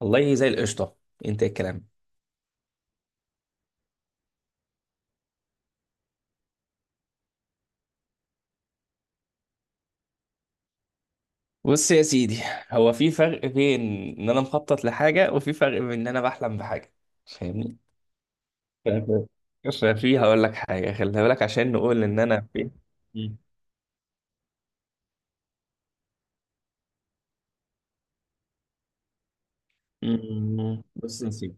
والله زي القشطة. انت إيه الكلام؟ بص يا سيدي، هو في فرق بين ان انا مخطط لحاجة، وفي فرق بين ان انا بحلم بحاجة. فاهمني؟ ف- ففي هقول لك حاجة، خلي بالك، عشان نقول ان انا في. مم. مم. بص يا سيدي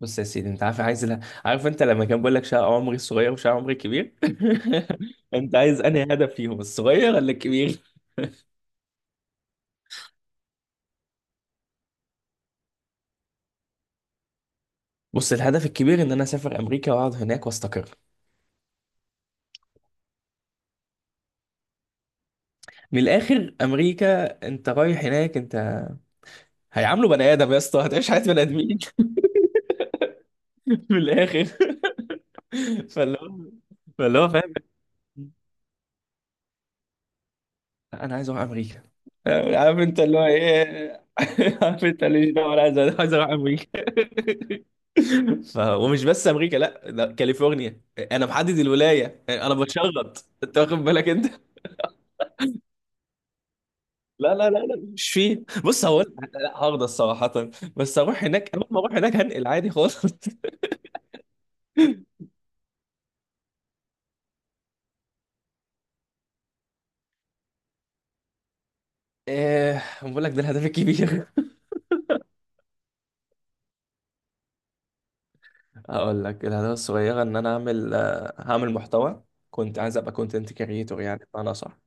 بص يا سيدي انت عارف، عايز عارف انت لما كان بيقول لك شقة عمري الصغير وشقة عمري الكبير؟ انت عايز انهي هدف فيهم، الصغير ولا الكبير؟ بص، الهدف الكبير ان انا اسافر امريكا واقعد هناك واستقر. من الاخر، امريكا، انت رايح هناك، انت هيعاملوا بني ادم يا اسطى، هتعيش حياه بني ادمين. من الاخر. فاللي هو فاللي هو فاهم، انا عايز اروح امريكا. آه، عارف انت اللي هو ايه عارف انت اللي هو انا عايز عايز اروح امريكا. ومش بس امريكا، لا، ده كاليفورنيا. انا محدد الولايه، انا بتشرط، انت واخد بالك انت؟ لا لا لا لا، مش فيه، بص هو لا، لا، هرضى الصراحه. بس اروح هناك، اول ما اروح هناك هنقل عادي خالص. ايه، بقول لك ده الهدف الكبير. هقول لك الهدف الصغيرة، إن أنا أعمل آه، هعمل محتوى. كنت عايز أبقى كونتنت كريتور يعني، أنا صح؟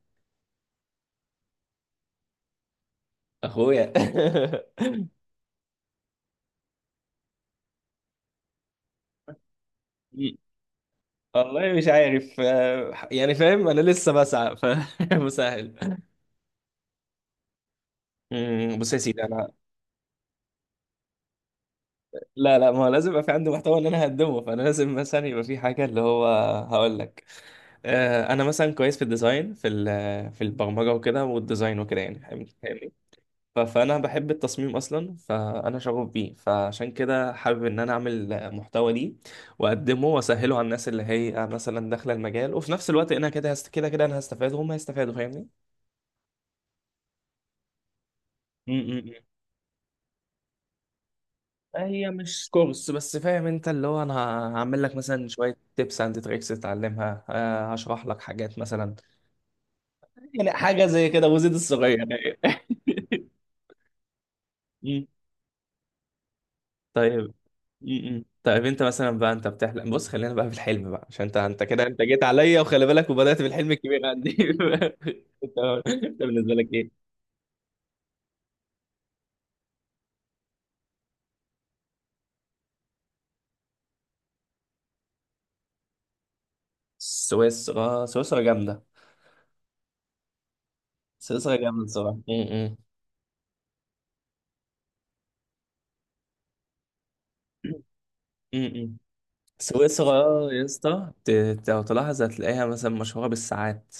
أخويا. مم. والله مش عارف، يعني فاهم، أنا لسه بسعى، فمسهل. بص يا سيدي أنا، لا لا، ما هو لازم يبقى في عندي محتوى إن أنا هقدمه، فأنا لازم مثلا يبقى في حاجة اللي هو، هقول لك، أنا مثلا كويس في الديزاين، في في البرمجة وكده، والديزاين وكده يعني، فاهم؟ فانا بحب التصميم اصلا، فانا شغوف بيه، فعشان كده حابب ان انا اعمل محتوى ليه واقدمه واسهله على الناس اللي هي مثلا داخله المجال. وفي نفس الوقت انا كده كده انا هستفاد وهم هيستفادوا، فاهمني؟ م- م- م. هي مش كورس بس، فاهم انت اللي هو، انا هعمل لك مثلا شويه تيبس اند تريكس تتعلمها، آه، هشرح لك حاجات مثلا، يعني حاجه زي كده وزيد الصغير. طيب. م- م. طيب انت مثلا بقى، انت بتحلم، بص خلينا بقى في الحلم بقى، عشان انت انت كده، انت جيت عليا، وخلي بالك، وبدأت بالحلم الكبير عندي. انت، انت بالنسبه لك ايه؟ سويسرا، سويسرا جامده. سويسرا جامده بصراحه. م- م. م- م. سويسرا يا اسطى، لو تلاحظ هتلاقيها مثلا مشهوره بالساعات.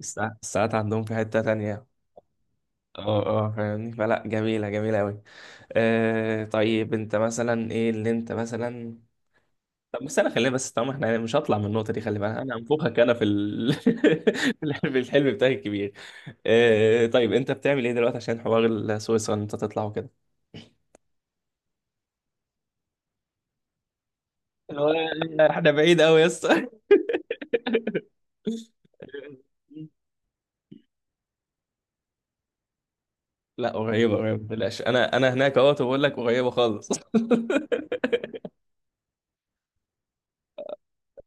الساعات عندهم في حته تانية. اه اه، فاهمني، فلا جميله جميله قوي. آه، طيب انت مثلا ايه اللي انت مثلا، طب بس انا خلينا بس طالما احنا يعني مش هطلع من النقطه دي، خلي بالك انا هنفوخك، انا في الحلم بتاعي الكبير. آه، طيب انت بتعمل ايه دلوقتي عشان حوار سويسرا ان انت تطلع وكده؟ هو احنا بعيد قوي يا اسطى. لا، قريبه قريبه ما تقلقش، انا هناك اهوت وبقول لك قريبه خالص.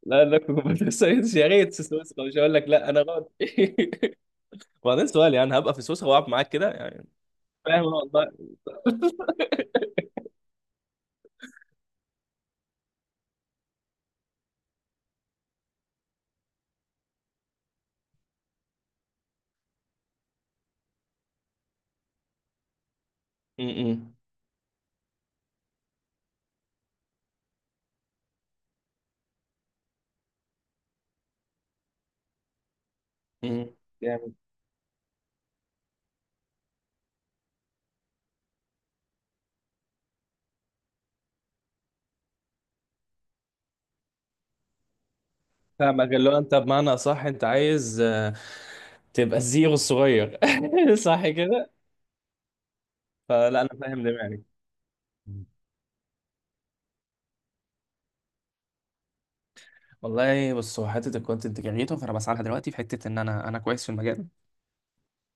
لا، انا كنت في سويسرا، يا ريت في سويسرا، مش هقول لك، لا انا غلط. وبعدين سؤال يعني، هبقى في سويسرا واقعد معاك كده يعني؟ فاهم والله. م- م- م. فاهمك، اللي هو انت بمعنى صح، انت عايز، آه، تبقى الزيرو الصغير. صح كده؟ فلا انا فاهم دماغك. والله بص، هو حته الكونتنت جنريتور فانا بسعى لها دلوقتي، في حته ان انا انا كويس في المجال،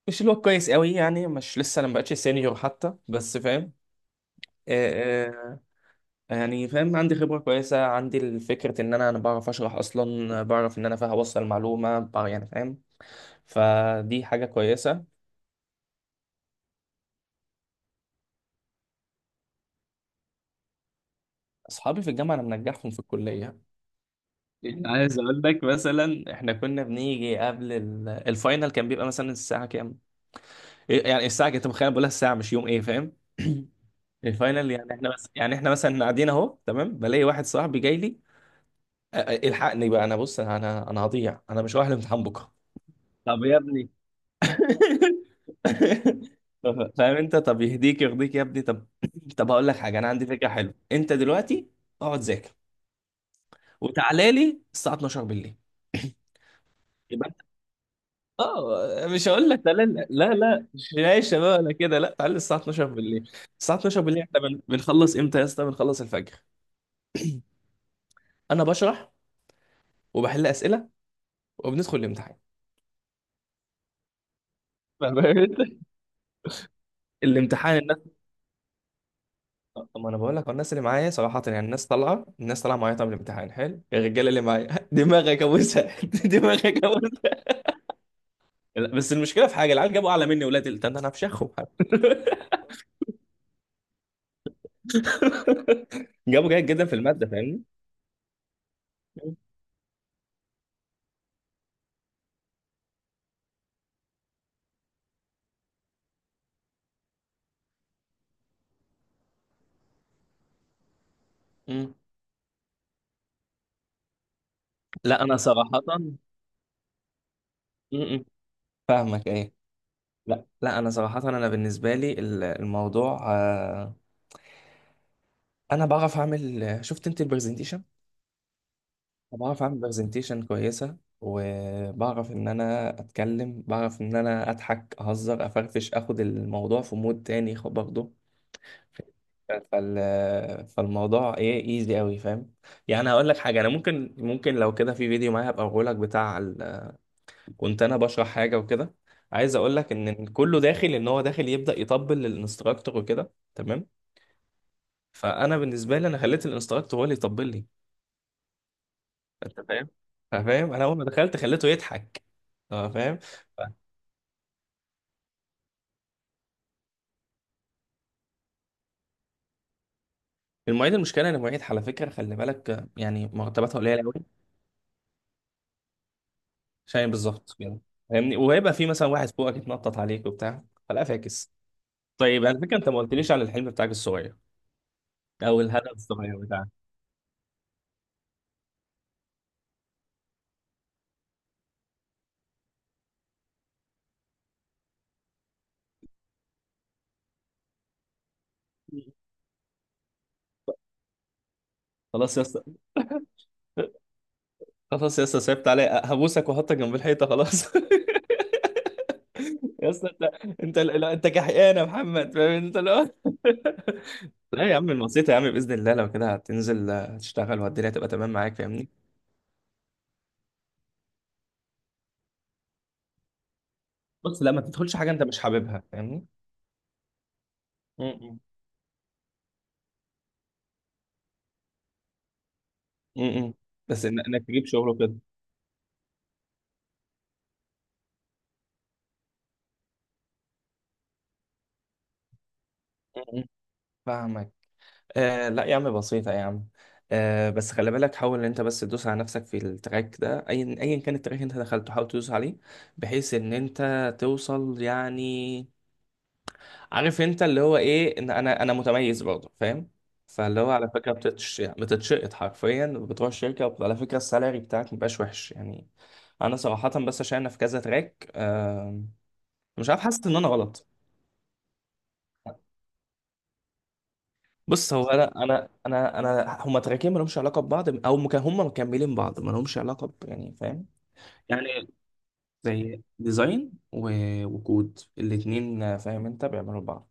مش اللي هو كويس قوي يعني، مش لسه، انا ما بقتش سينيور حتى، بس فاهم. آه، يعني فاهم، عندي خبره كويسه، عندي الفكره ان انا بعرف اشرح اصلا، بعرف ان انا فاهم اوصل يعني فاهم. فدي حاجه كويسه. اصحابي في الجامعه انا منجحهم في الكليه. يعني عايز اقول لك، مثلا احنا كنا بنيجي قبل الفاينل، كان بيبقى مثلا الساعه كام؟ إيه يعني الساعه، كنت متخيل بقولها الساعه مش يوم، ايه فاهم. الفاينل يعني احنا، بس يعني احنا مثلا قاعدين اهو تمام، بلاقي واحد صاحبي جاي لي، الحقني بقى انا، بص انا هضيع، انا مش رايح الامتحان بكره. طب يا ابني. فاهم انت، طب يهديك يرضيك يا ابني، طب. طب هقول لك حاجه، انا عندي فكره حلوه، انت دلوقتي اقعد ذاكر وتعالى لي الساعه 12 بالليل. اه، مش هقول لك تعالى لا لا لا، مش يا شباب انا كده، لا تعالى الساعه 12 بالليل. الساعه 12 بالليل احنا بنخلص امتى يا اسطى؟ بنخلص الفجر. انا بشرح، وبحل اسئله، وبندخل الامتحان. فاهم أنت؟ الامتحان الناس، طب ما انا بقول لك، هو الناس اللي معايا صراحه، يعني الناس طالعه، الناس طالعه معايا، طب الامتحان حلو، الرجاله اللي معايا دماغك ابوسها، دماغك ابوسها. لا، بس المشكله في حاجه، العيال جابوا اعلى مني، ولاد التاني انا هفشخهم. جابوا جيد جدا في الماده، فاهمني. مم. لا انا صراحه. مم. فاهمك ايه. لا لا، انا صراحه انا بالنسبه لي الموضوع، آه، انا بعرف اعمل، شفت انت البرزنتيشن، بعرف اعمل برزنتيشن كويسه، وبعرف ان انا اتكلم، بعرف ان انا اضحك اهزر افرفش اخد الموضوع في مود تاني برضه. ف- فال... فالموضوع ايه، ايزي قوي فاهم. يعني هقول لك حاجه، انا ممكن، لو كده في فيديو معايا هبقى اقول لك بتاع ال. كنت انا بشرح حاجه وكده، عايز اقول لك ان كله داخل، ان هو داخل يبدا يطبل للانستراكتور وكده، تمام. فانا بالنسبه لي انا خليت الانستراكتور هو اللي يطبل لي. انت فاهم؟ فاهم، انا اول ما دخلت خليته يضحك. أه فاهم. المعيد، المشكله ان المعيد على فكره خلي بالك، آه، يعني مرتباتها قليله قوي. شايف بالظبط كده، فاهمني، وهيبقى في مثلا واحد فوقك يتنطط عليك وبتاع، فلا فاكس. طيب على فكره انت ما قلتليش عن الحلم بتاعك الصغير، او الهدف الصغير بتاعك. خلاص يا اسطى، خلاص يا اسطى سيبت عليا، هبوسك وأحطك جنب الحيطه خلاص. يا اسطى انت، انت لا، انت كحيان يا محمد، فاهم انت؟ لا لا يا عم، الوسيطة يا عم، بإذن الله لو كده هتنزل، آه، تشتغل والدنيا تبقى تمام معاك، فاهمني. بص لا، ما تدخلش حاجة أنت مش حاببها، فاهمني. م-م. م-م. بس إنك تجيب شغل وكده. م-م. فاهمك. آه لا يا عم بسيطة يا عم. آه بس خلي بالك، حاول إن أنت بس تدوس على نفسك في التراك ده، أيا أيا كان التراك اللي أنت دخلته حاول تدوس عليه بحيث إن أنت توصل يعني، عارف انت اللي هو ايه، ان انا متميز برضه فاهم. فاللي هو على فكره يعني بتتشقط حرفيا، بتروح الشركه على فكره السالري بتاعك مبقاش وحش يعني. انا صراحه بس عشان انا في كذا تراك، آم، مش عارف، حاسس ان انا غلط. بص، هو انا هما تراكين ما لهمش علاقه ببعض، او هما مكملين بعض ما لهمش علاقه ب، يعني فاهم. يعني زي ديزاين و، وكود، الاتنين آه، فاهم انت بيعملوا بعض.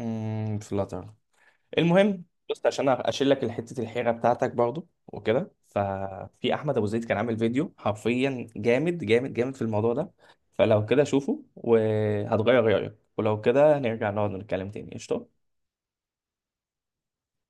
امم، فلاتر، المهم، بص عشان اشيل لك حته الحيره بتاعتك برضو وكده، ففي احمد ابو زيد كان عامل فيديو حرفيا جامد جامد جامد في الموضوع ده، فلو كده شوفه وهتغير رايك، ولو كده نرجع نقعد نتكلم تاني، قشطه.